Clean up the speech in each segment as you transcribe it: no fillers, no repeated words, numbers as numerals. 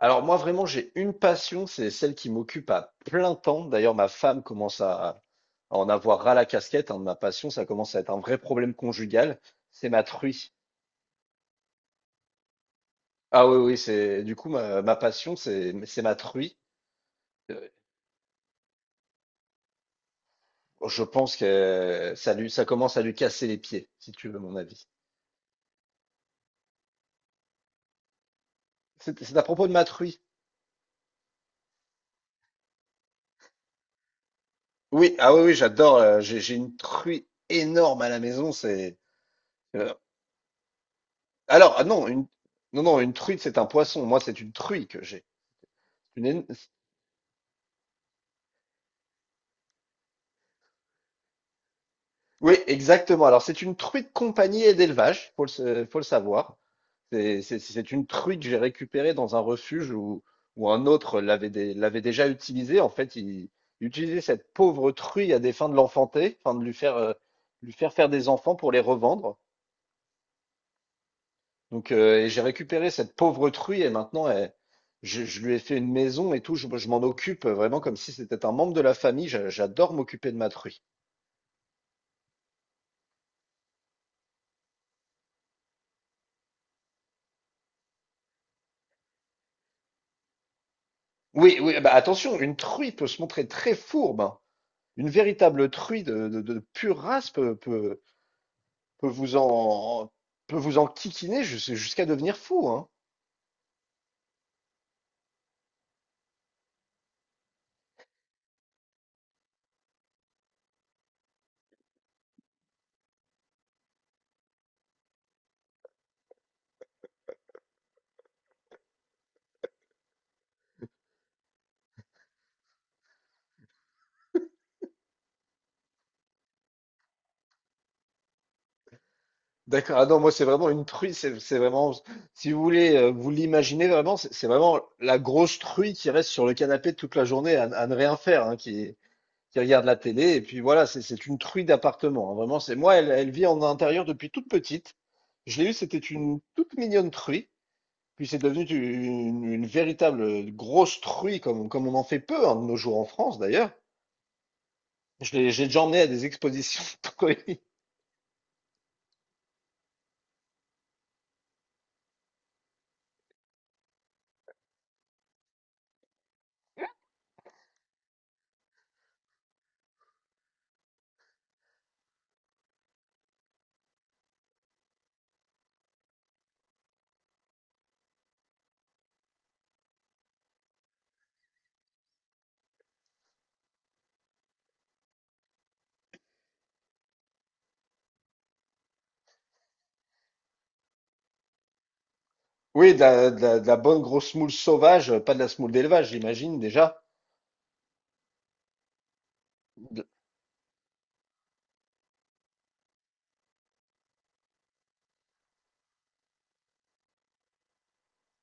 Alors moi vraiment j'ai une passion, c'est celle qui m'occupe à plein temps. D'ailleurs ma femme commence à en avoir ras la casquette hein, de ma passion, ça commence à être un vrai problème conjugal, c'est ma truie. Ah oui oui, c'est du coup ma passion c'est ma truie. Euh, Je pense que ça commence à lui casser les pieds, si tu veux mon avis. C'est à propos de ma truie. Oui, ah oui oui, j'adore, j'ai une truie énorme à la maison, c'est euh, alors ah non, une non non, une truite c'est un poisson, moi c'est une truie que j'ai. Une, éno- Oui, exactement. Alors, c'est une truite compagnie et d'élevage, faut le savoir. C'est une truite que j'ai récupérée dans un refuge où, un autre l'avait déjà utilisée. En fait, il utilisait cette pauvre truie à des fins de l'enfanter, enfin de lui faire faire des enfants pour les revendre. Donc, et j'ai récupéré cette pauvre truie et maintenant, je lui ai fait une maison et tout. Je m'en occupe vraiment comme si c'était un membre de la famille. J'adore m'occuper de ma truie. Oui, oui, bah attention, une truie peut se montrer très fourbe, hein. Une véritable truie de pure race peut, peut, peut vous en peut vous en kikiner jusqu'à devenir fou, hein. D'accord. Ah non, moi c'est vraiment une truie. C'est vraiment, si vous voulez, vous l'imaginez vraiment, c'est vraiment la grosse truie qui reste sur le canapé toute la journée à ne rien faire, hein, qui regarde la télé. Et puis voilà, c'est une truie d'appartement, hein. Vraiment, c'est moi, elle vit en intérieur depuis toute petite. Je l'ai eue, c'était une toute mignonne truie. Puis c'est devenu une véritable grosse truie, comme on en fait peu hein, de nos jours en France d'ailleurs. Je l'ai, j'ai déjà emmené à des expositions de colis. Oui, de la, de la bonne grosse moule sauvage, pas de la semoule d'élevage, j'imagine déjà. De-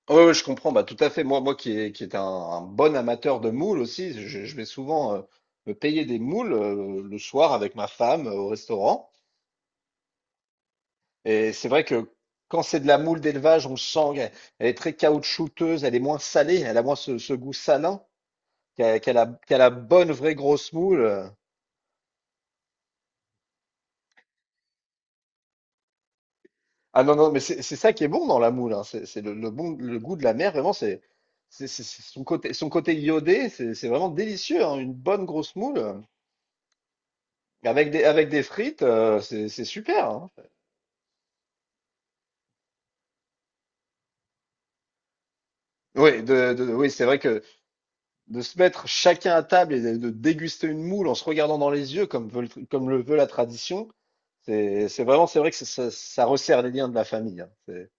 Ouais, ouais, je comprends, bah, tout à fait. Moi, qui est un bon amateur de moules aussi, je vais souvent me payer des moules le soir avec ma femme au restaurant. Et c'est vrai que quand c'est de la moule d'élevage, on le sent, elle est très caoutchouteuse, elle est moins salée, elle a moins ce goût salin. Qui a la bonne, vraie grosse moule. Ah non, non, mais c'est ça qui est bon dans la moule, hein. C'est le bon, le goût de la mer, vraiment, c'est son côté iodé, c'est vraiment délicieux, hein. Une bonne grosse moule avec des frites, c'est super, hein. Oui, c'est vrai que de se mettre chacun à table et de déguster une moule en se regardant dans les yeux, comme le veut la tradition, c'est vraiment, c'est vrai que ça, ça resserre les liens de la famille, hein.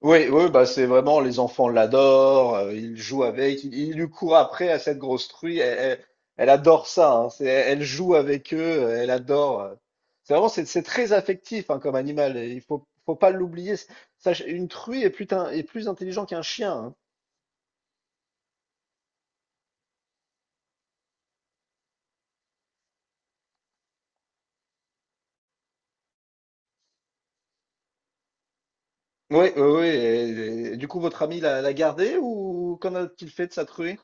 Oui, oui, bah c'est vraiment les enfants l'adorent, ils jouent avec, ils lui courent après à cette grosse truie, elle adore ça, hein, c'est, elle joue avec eux, elle adore. C'est vraiment, c'est très affectif hein, comme animal, et faut pas l'oublier. Une truie est est plus intelligent qu'un chien, hein. Oui, oui, oui. Et du coup, votre ami l'a gardé ou qu'en a-t-il fait de sa truie?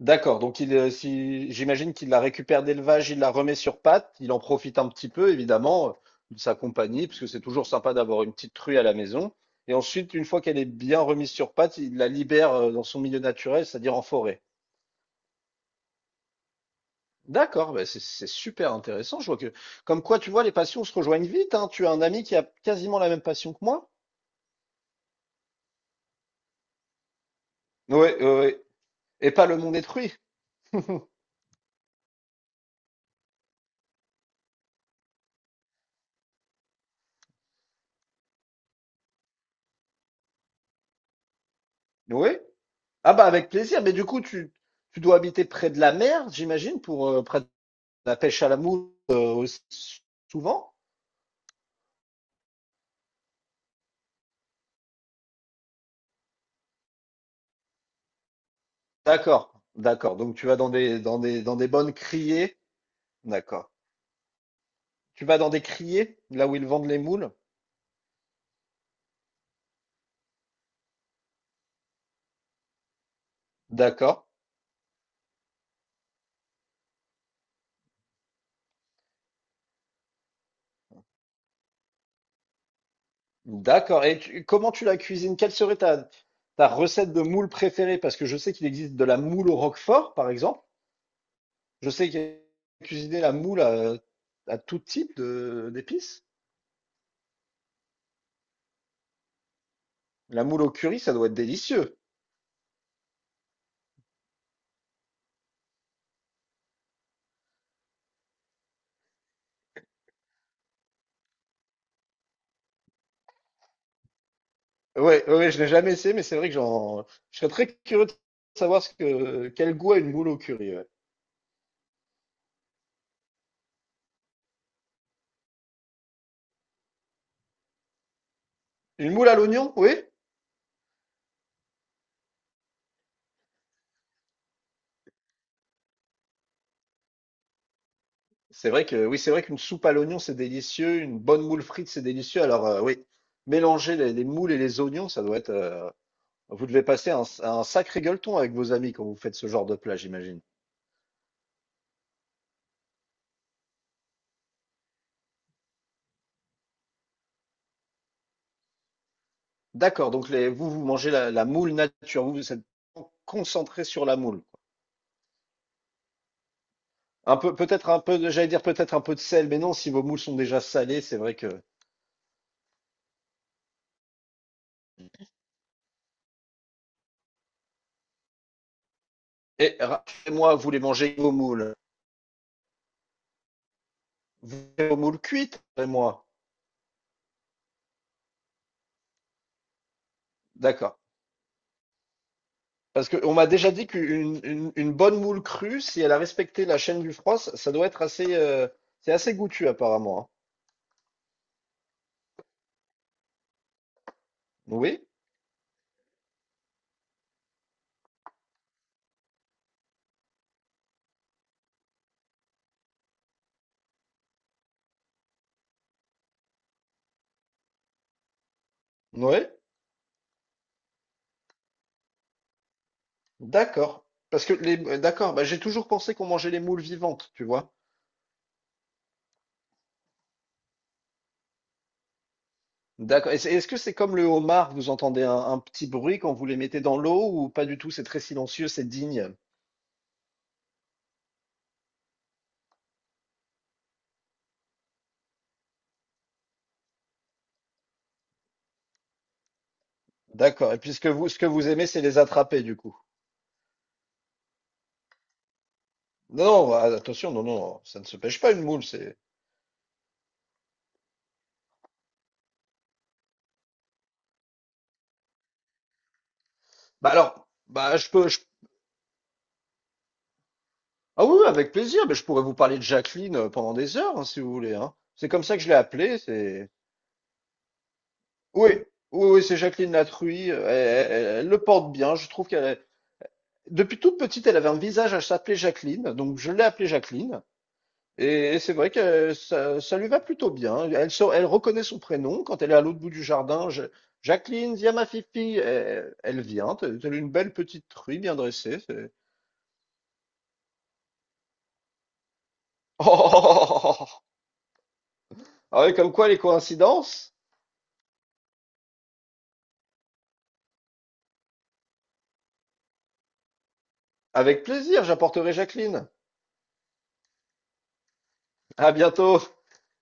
D'accord, donc il, si, j'imagine qu'il la récupère d'élevage, il la remet sur pattes, il en profite un petit peu, évidemment, de sa compagnie, parce que c'est toujours sympa d'avoir une petite truie à la maison. Et ensuite, une fois qu'elle est bien remise sur pattes, il la libère dans son milieu naturel, c'est-à-dire en forêt. D'accord, bah c'est super intéressant. Comme quoi, tu vois, les passions se rejoignent vite, hein. Tu as un ami qui a quasiment la même passion que moi. Oui, oui, et pas le monde détruit. Oui. Ah bah avec plaisir. Mais du coup, tu dois habiter près de la mer, j'imagine, pour pratiquer la pêche à la mouche souvent? D'accord, d'accord. Donc tu vas dans des bonnes criées, d'accord. Tu vas dans des criées, là où ils vendent les moules, d'accord, d'accord. Et comment tu la cuisines? Quelle serait ta recette de moule préférée? Parce que je sais qu'il existe de la moule au roquefort, par exemple. Je sais qu'il y a cuisiner la moule à tout type de d'épices. La moule au curry, ça doit être délicieux. Ouais, ouais, ouais, je l'ai jamais essayé, mais c'est vrai que je serais très curieux de savoir quel goût a une moule au curry, ouais. Une moule à l'oignon, oui. C'est vrai que, oui, c'est vrai qu'une soupe à l'oignon, c'est délicieux. Une bonne moule frite, c'est délicieux. Alors, oui, mélanger les moules et les oignons, ça doit être. Vous devez passer un sacré gueuleton avec vos amis quand vous faites ce genre de plat, j'imagine. D'accord, donc les, vous, vous mangez la, la moule nature. Vous, vous êtes concentré sur la moule. Un peu, peut-être un peu, j'allais dire peut-être un peu de sel, mais non, si vos moules sont déjà salées, c'est vrai que. Et rappelez-moi, vous voulez manger vos moules. Vous voulez vos moules cuites, moi. D'accord. Parce qu'on m'a déjà dit qu'une une bonne moule crue, si elle a respecté la chaîne du froid, ça doit être assez, c'est assez goûtu apparemment, hein. Oui, oui, d'accord. Parce que d'accord, bah, j'ai toujours pensé qu'on mangeait les moules vivantes, tu vois. D'accord. Et est-ce que c'est comme le homard, vous entendez un petit bruit quand vous les mettez dans l'eau ou pas du tout? C'est très silencieux, c'est digne. D'accord. Et puis ce que vous aimez, c'est les attraper du coup. Non, non, ah, attention, non, non, ça ne se pêche pas une moule, c'est. Bah alors, bah je peux, je- ah oui, oui, avec plaisir, mais je pourrais vous parler de Jacqueline pendant des heures, hein, si vous voulez, hein. C'est comme ça que je l'ai appelée, c'est. Oui, oui, oui, c'est Jacqueline Latruy. Elle, elle le porte bien, je trouve depuis toute petite, elle avait un visage à s'appeler Jacqueline, donc je l'ai appelée Jacqueline. Et c'est vrai que ça lui va plutôt bien. Elle reconnaît son prénom quand elle est à l'autre bout du jardin. Jacqueline, viens ma fifi. Elle vient. T'as une belle petite truie bien dressée, c'est. Oh, oh, oh, oh, oh, oh. Ah ouais, comme quoi les coïncidences? Avec plaisir, j'apporterai Jacqueline. À bientôt.